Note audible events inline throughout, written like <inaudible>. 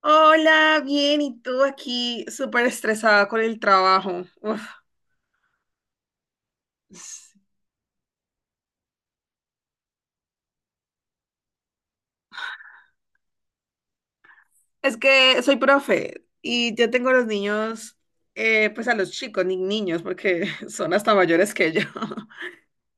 Hola, bien, ¿y tú aquí súper estresada con el trabajo? Uf. Es que soy profe y yo tengo a los niños, pues a los chicos, ni niños, porque <laughs> son hasta mayores que yo.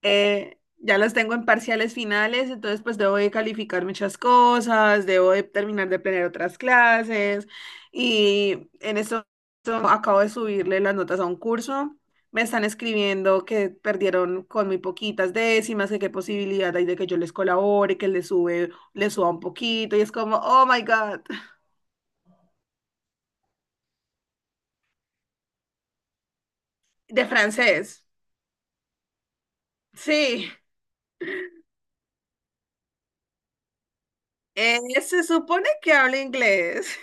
Ya las tengo en parciales finales, entonces pues debo de calificar muchas cosas, debo de terminar de planear otras clases y en esto acabo de subirle las notas a un curso. Me están escribiendo que perdieron con muy poquitas décimas, que qué posibilidad hay de que yo les colabore, que les suba un poquito, y es como, oh my God, de francés. Sí, se supone que habla inglés.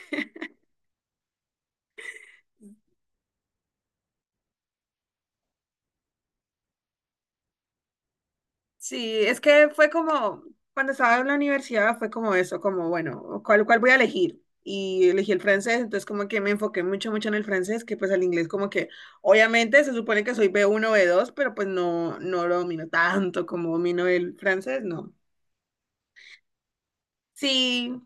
Sí, es que fue como, cuando estaba en la universidad fue como eso, como, bueno, ¿cuál voy a elegir? Y elegí el francés, entonces como que me enfoqué mucho, mucho en el francés, que pues el inglés como que, obviamente se supone que soy B1 B2, pero pues no, no lo domino tanto como domino el francés, no. Sí,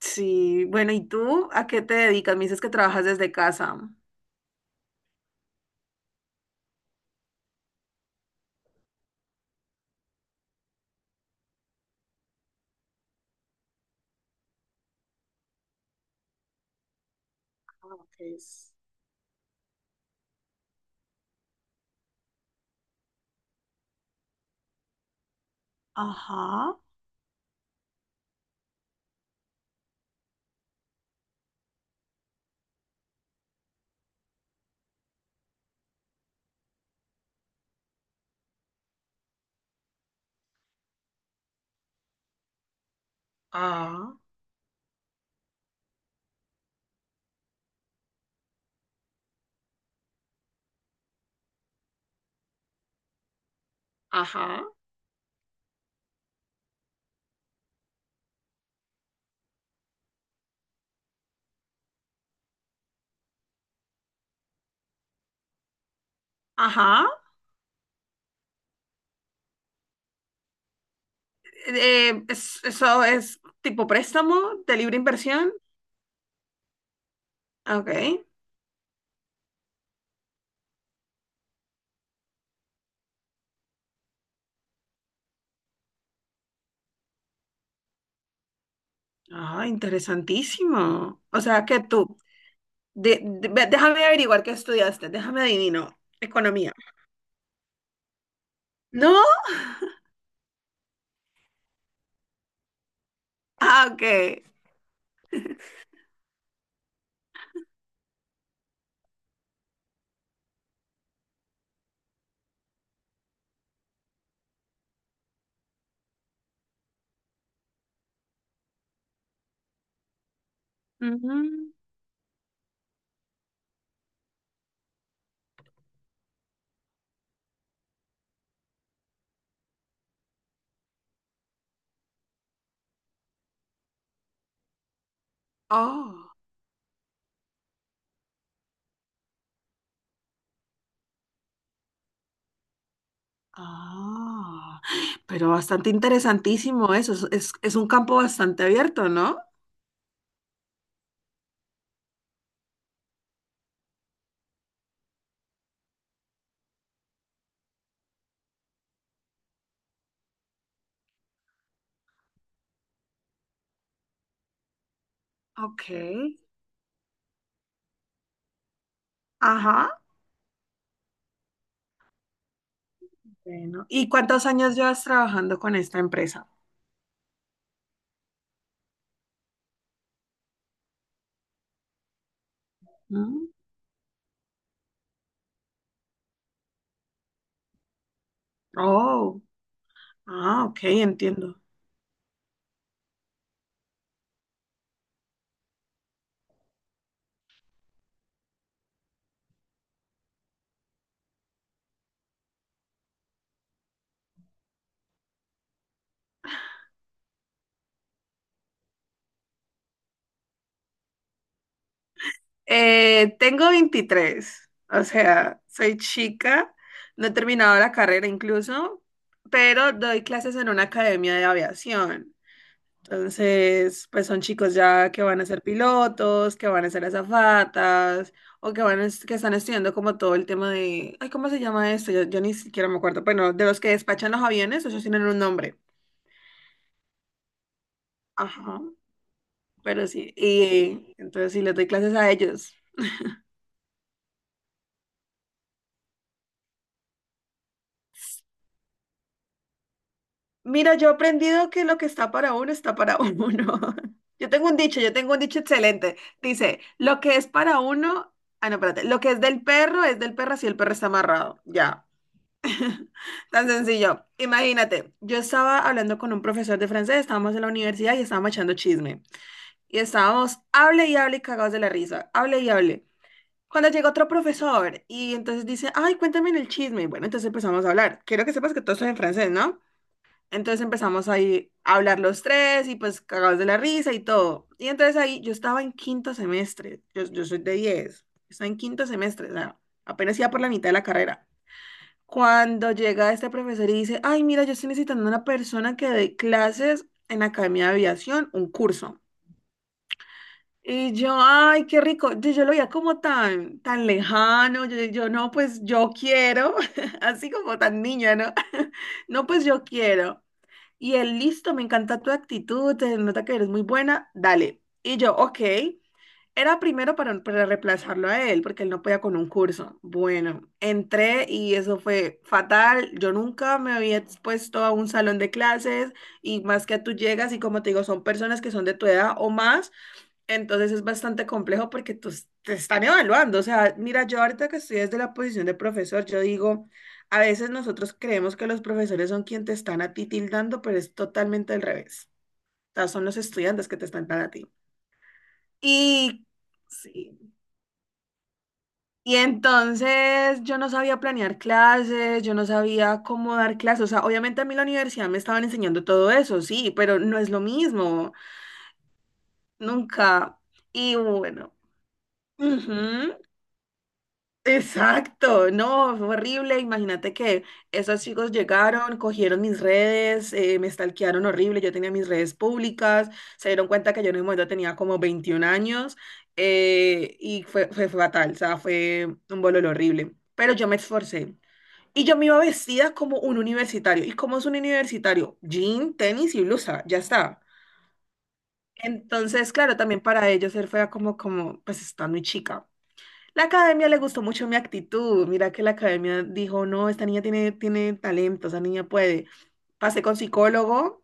sí, bueno, ¿y tú a qué te dedicas? Me dices que trabajas desde casa. Ah, ok. Ajá. Ah, ajá, ajá. Eso es tipo préstamo de libre inversión. Ah, ok. Ah, interesantísimo. O sea que tú, déjame averiguar qué estudiaste, déjame adivino. Economía. ¿No? <laughs> Ah, ok. Ujú. Oh. Ah, pero bastante interesantísimo eso. Es un campo bastante abierto, ¿no? Ok. Ajá. Bueno. ¿Y cuántos años llevas trabajando con esta empresa? Mm. Oh. Ah, ok, entiendo. Tengo 23, o sea, soy chica, no he terminado la carrera incluso, pero doy clases en una academia de aviación. Entonces, pues son chicos ya que van a ser pilotos, que van a ser azafatas, o que que están estudiando como todo el tema de, ay, ¿cómo se llama esto? Yo ni siquiera me acuerdo. Bueno, de los que despachan los aviones, ellos tienen un nombre. Ajá, pero sí. Y entonces sí les doy clases a ellos. Mira, yo he aprendido que lo que está para uno está para uno. <laughs> Yo tengo un dicho, yo tengo un dicho excelente. Dice, lo que es para uno, ah, no, espérate, lo que es del perro si el perro está amarrado. Ya. <laughs> Tan sencillo. Imagínate, yo estaba hablando con un profesor de francés, estábamos en la universidad y estábamos echando chisme. Y estábamos, hable y hable, y cagados de la risa, hable y hable. Cuando llega otro profesor y entonces dice, ay, cuéntame el chisme. Bueno, entonces empezamos a hablar. Quiero que sepas que todo esto es en francés, ¿no? Entonces empezamos ahí a hablar los tres y pues cagados de la risa y todo. Y entonces ahí yo estaba en quinto semestre, yo soy de 10, estaba en quinto semestre, o sea, apenas iba por la mitad de la carrera. Cuando llega este profesor y dice, ay, mira, yo estoy necesitando una persona que dé clases en la Academia de Aviación, un curso. Y yo, ay, qué rico, yo lo veía como tan, tan lejano, yo no, pues yo quiero, <laughs> así como tan niña, ¿no? <laughs> No, pues yo quiero. Y él, listo, me encanta tu actitud, se nota que eres muy buena, dale. Y yo, ok. Era primero para, reemplazarlo a él, porque él no podía con un curso. Bueno, entré y eso fue fatal. Yo nunca me había expuesto a un salón de clases y más que tú llegas y como te digo, son personas que son de tu edad o más, entonces es bastante complejo porque te están evaluando. O sea, mira, yo ahorita que estoy desde la posición de profesor, yo digo, a veces nosotros creemos que los profesores son quienes te están a ti tildando, pero es totalmente al revés. O sea, son los estudiantes que te están dando a ti. Y sí. Y entonces yo no sabía planear clases, yo no sabía cómo dar clases. O sea, obviamente a mí en la universidad me estaban enseñando todo eso, sí, pero no es lo mismo. Nunca. Y bueno. Ujú. Exacto, no, fue horrible. Imagínate que esos chicos llegaron, cogieron mis redes, me stalkearon horrible. Yo tenía mis redes públicas, se dieron cuenta que yo en ese momento tenía como 21 años, y fue fatal, o sea, fue un bololo horrible. Pero yo me esforcé y yo me iba vestida como un universitario. ¿Y cómo es un universitario? Jean, tenis y blusa, ya está. Entonces, claro, también para ellos ser fea como, pues está muy chica. La academia le gustó mucho mi actitud. Mira que la academia dijo, no, esta niña tiene talento, esta niña puede. Pasé con psicólogo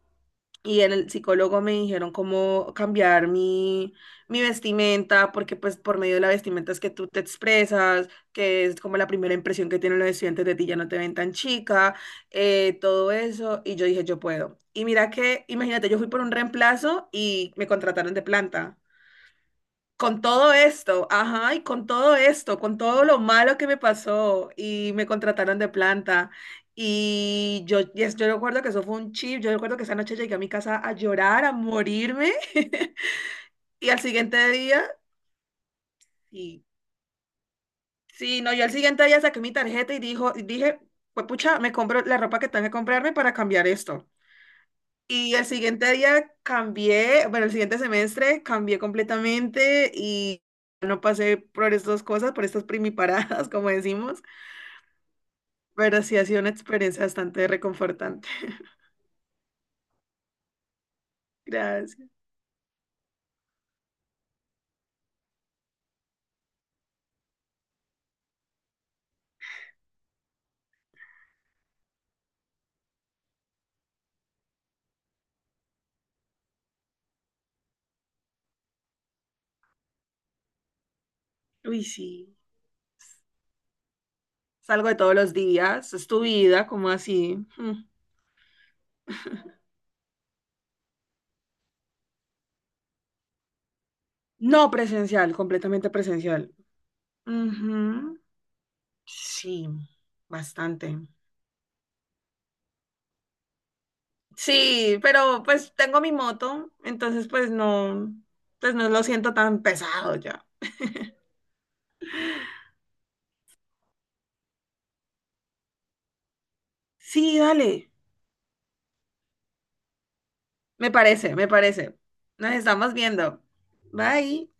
y en el psicólogo me dijeron cómo cambiar mi vestimenta, porque pues por medio de la vestimenta es que tú te expresas, que es como la primera impresión que tienen los estudiantes de ti, ya no te ven tan chica, todo eso. Y yo dije, yo puedo. Y mira que, imagínate, yo fui por un reemplazo y me contrataron de planta con todo esto, ajá, y con todo esto, con todo lo malo que me pasó y me contrataron de planta. Y yo, yes, yo recuerdo que eso fue un chip, yo recuerdo que esa noche llegué a mi casa a llorar, a morirme. <laughs> Y al siguiente día, y sí, no, yo al siguiente día saqué mi tarjeta y y dije, pues pucha, me compro la ropa que tengo que comprarme para cambiar esto. Y el siguiente día cambié, bueno, el siguiente semestre cambié completamente y no pasé por estas cosas, por estas primiparadas, <laughs> como decimos, pero sí ha sido una experiencia bastante reconfortante. <laughs> Gracias. Uy, sí. Salgo de todos los días, es tu vida, como así. Mm. No presencial, completamente presencial. Ujú. Sí, bastante. Sí, pero pues tengo mi moto, entonces pues no lo siento tan pesado ya. Sí, dale. Me parece, me parece. Nos estamos viendo. Bye.